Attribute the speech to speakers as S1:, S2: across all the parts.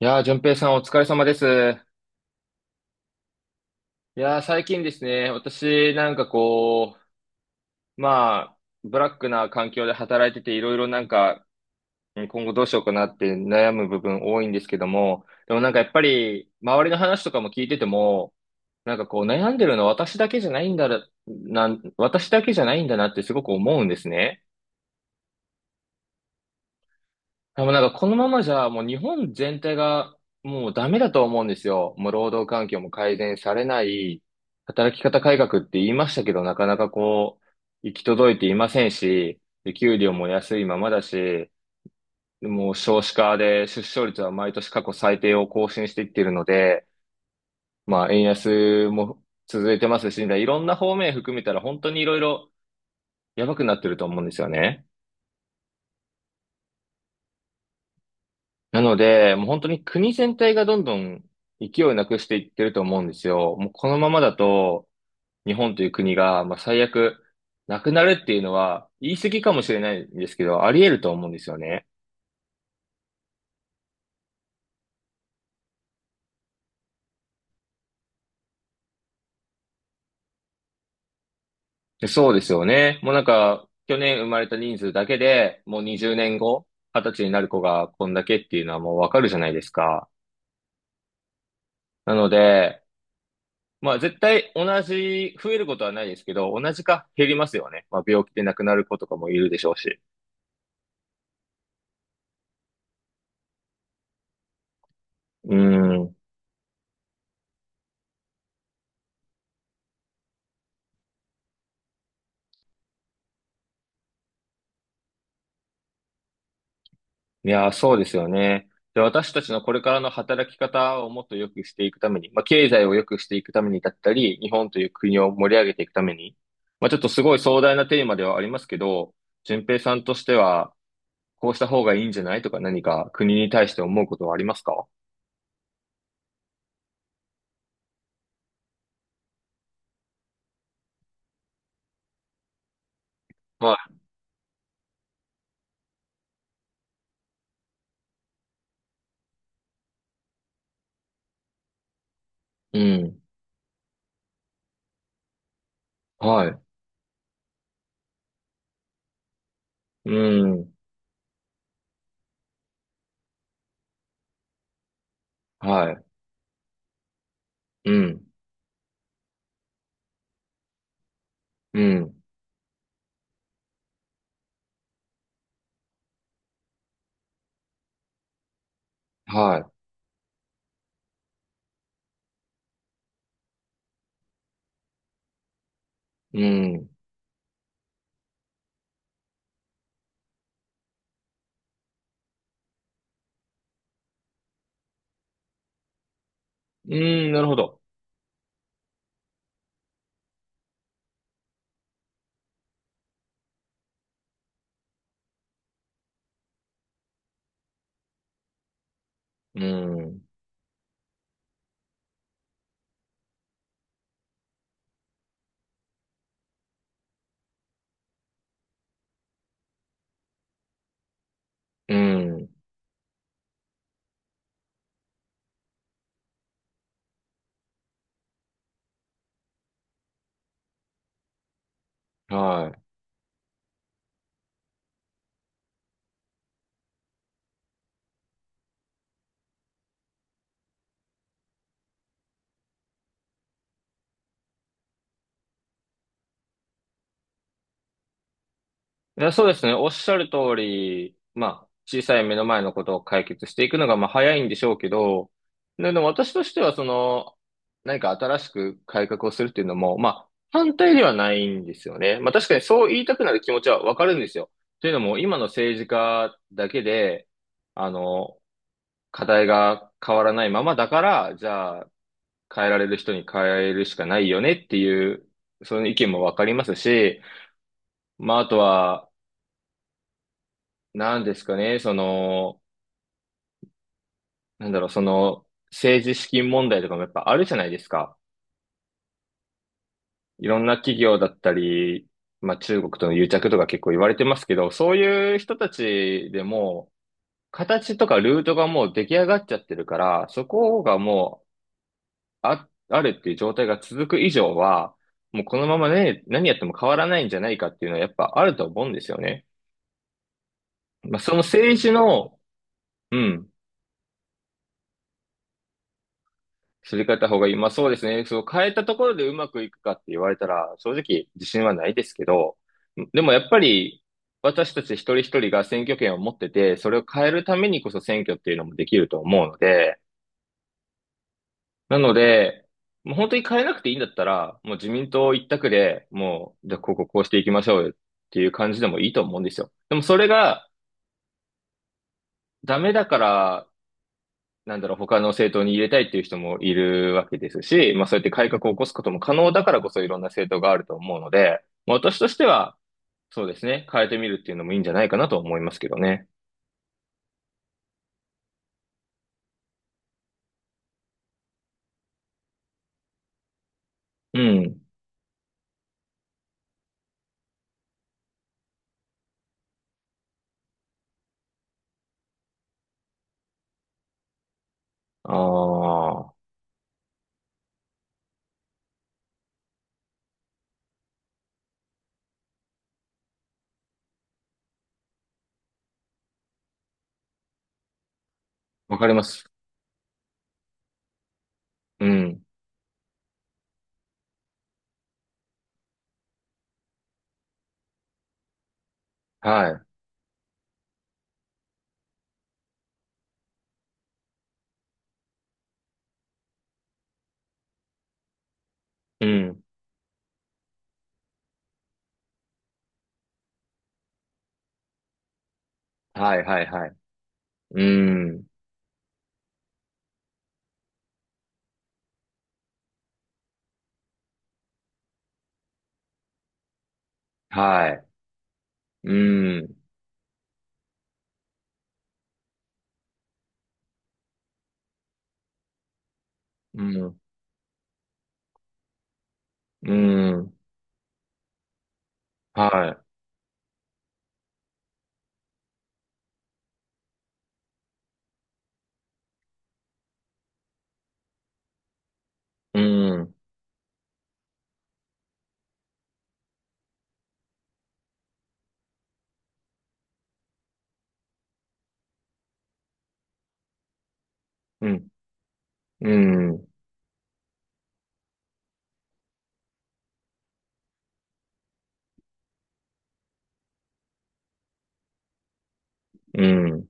S1: いやー、淳平さんお疲れ様です。いやー、最近ですね、私なんかう、まあ、ブラックな環境で働いてていろいろなんか、うん今後どうしようかなって悩む部分多いんですけども、でもなんかやっぱり、周りの話とかも聞いてても、なんかこう悩んでるの私だけじゃないんだな、私だけじゃないんだなってすごく思うんですね。でもなんかこのままじゃもう日本全体がもうダメだと思うんですよ。もう労働環境も改善されない、働き方改革って言いましたけど、なかなかこう、行き届いていませんし、で給料も安いままだし、もう少子化で出生率は毎年過去最低を更新していっているので、まあ円安も続いてますし、いろんな方面含めたら本当にいろいろやばくなってると思うんですよね。なので、もう本当に国全体がどんどん勢いをなくしていってると思うんですよ。もうこのままだと、日本という国が、まあ、最悪、なくなるっていうのは、言い過ぎかもしれないんですけど、あり得ると思うんですよね。でそうですよね。もうなんか、去年生まれた人数だけで、もう20年後、20歳になる子がこんだけっていうのはもうわかるじゃないですか。なので、まあ絶対同じ、増えることはないですけど、同じか減りますよね。まあ病気で亡くなる子とかもいるでしょうし。うん。いやー、そうですよね。で、私たちのこれからの働き方をもっと良くしていくために、まあ、経済を良くしていくためにだったり、日本という国を盛り上げていくために、まあ、ちょっとすごい壮大なテーマではありますけど、順平さんとしては、こうした方がいいんじゃないとか何か国に対して思うことはありますか？はい。うん。はい。うん。はい。うん。うん。はい。うん。うん。なるほど。うん。うん。はい。いや、そうですね。おっしゃる通り、まあ、小さい目の前のことを解決していくのが、まあ、早いんでしょうけど、ででも私としては、その、何か新しく改革をするっていうのも、まあ、反対ではないんですよね。まあ、確かにそう言いたくなる気持ちはわかるんですよ。というのも、今の政治家だけで、あの、課題が変わらないままだから、じゃあ、変えられる人に変えるしかないよねっていう、その意見もわかりますし、まあ、あとは、なんですかね、その、なんだろう、その、政治資金問題とかもやっぱあるじゃないですか。いろんな企業だったり、まあ中国との癒着とか結構言われてますけど、そういう人たちでも、形とかルートがもう出来上がっちゃってるから、そこがもう、あ、あるっていう状態が続く以上は、もうこのままね、何やっても変わらないんじゃないかっていうのはやっぱあると思うんですよね。まあその政治の、うん。すり替えた方がいい。まあそうですね。そう変えたところでうまくいくかって言われたら、正直自信はないですけど、でもやっぱり私たち一人一人が選挙権を持ってて、それを変えるためにこそ選挙っていうのもできると思うので、なので、もう本当に変えなくていいんだったら、もう自民党一択で、もう、じゃあこここうしていきましょうよっていう感じでもいいと思うんですよ。でもそれがダメだからなんだろう、他の政党に入れたいっていう人もいるわけですし、まあそうやって改革を起こすことも可能だからこそいろんな政党があると思うので、まあ私としては、そうですね、変えてみるっていうのもいいんじゃないかなと思いますけどね。うん。ああ、わかります。うん。はい。うん。はいはいはい。うん。はい。うん。うん。うん。はい。うん。うん。うん。うん。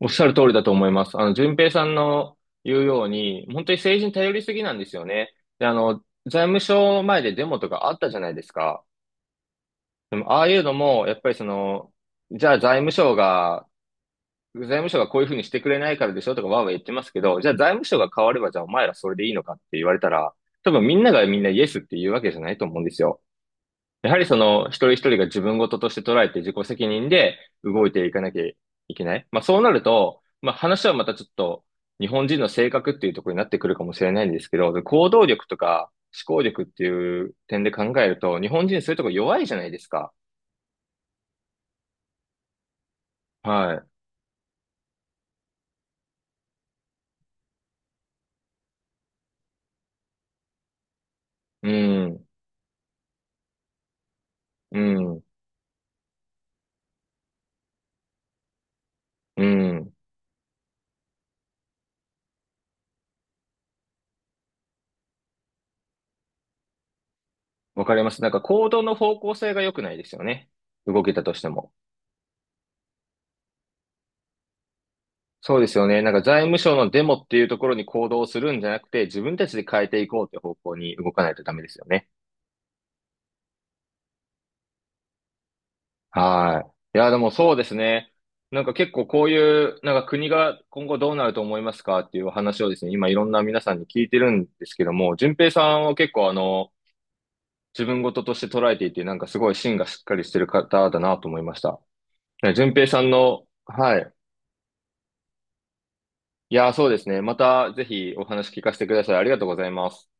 S1: おっしゃる通りだと思います。あの、順平さんの言うように、本当に政治に頼りすぎなんですよね。で、あの、財務省前でデモとかあったじゃないですか。でも、ああいうのも、やっぱりその、じゃあ財務省がこういうふうにしてくれないからでしょとかわーわー言ってますけど、じゃあ財務省が変われば、じゃあお前らそれでいいのかって言われたら、多分みんながみんなイエスって言うわけじゃないと思うんですよ。やはりその一人一人が自分事として捉えて自己責任で動いていかなきゃいけない。まあそうなると、まあ話はまたちょっと日本人の性格っていうところになってくるかもしれないんですけど、で行動力とか思考力っていう点で考えると、日本人そういうところ弱いじゃないですか。はい。うん、うん、うん。わかります。なんか行動の方向性が良くないですよね。動けたとしても。そうですよね。なんか財務省のデモっていうところに行動するんじゃなくて、自分たちで変えていこうって方向に動かないとダメですよね。はい。いや、でもそうですね。なんか結構こういう、なんか国が今後どうなると思いますかっていう話をですね、今いろんな皆さんに聞いてるんですけども、順平さんは結構あの、自分事として捉えていて、なんかすごい芯がしっかりしてる方だなと思いました。ね順平さんの、はい。いや、そうですね。またぜひお話聞かせてください。ありがとうございます。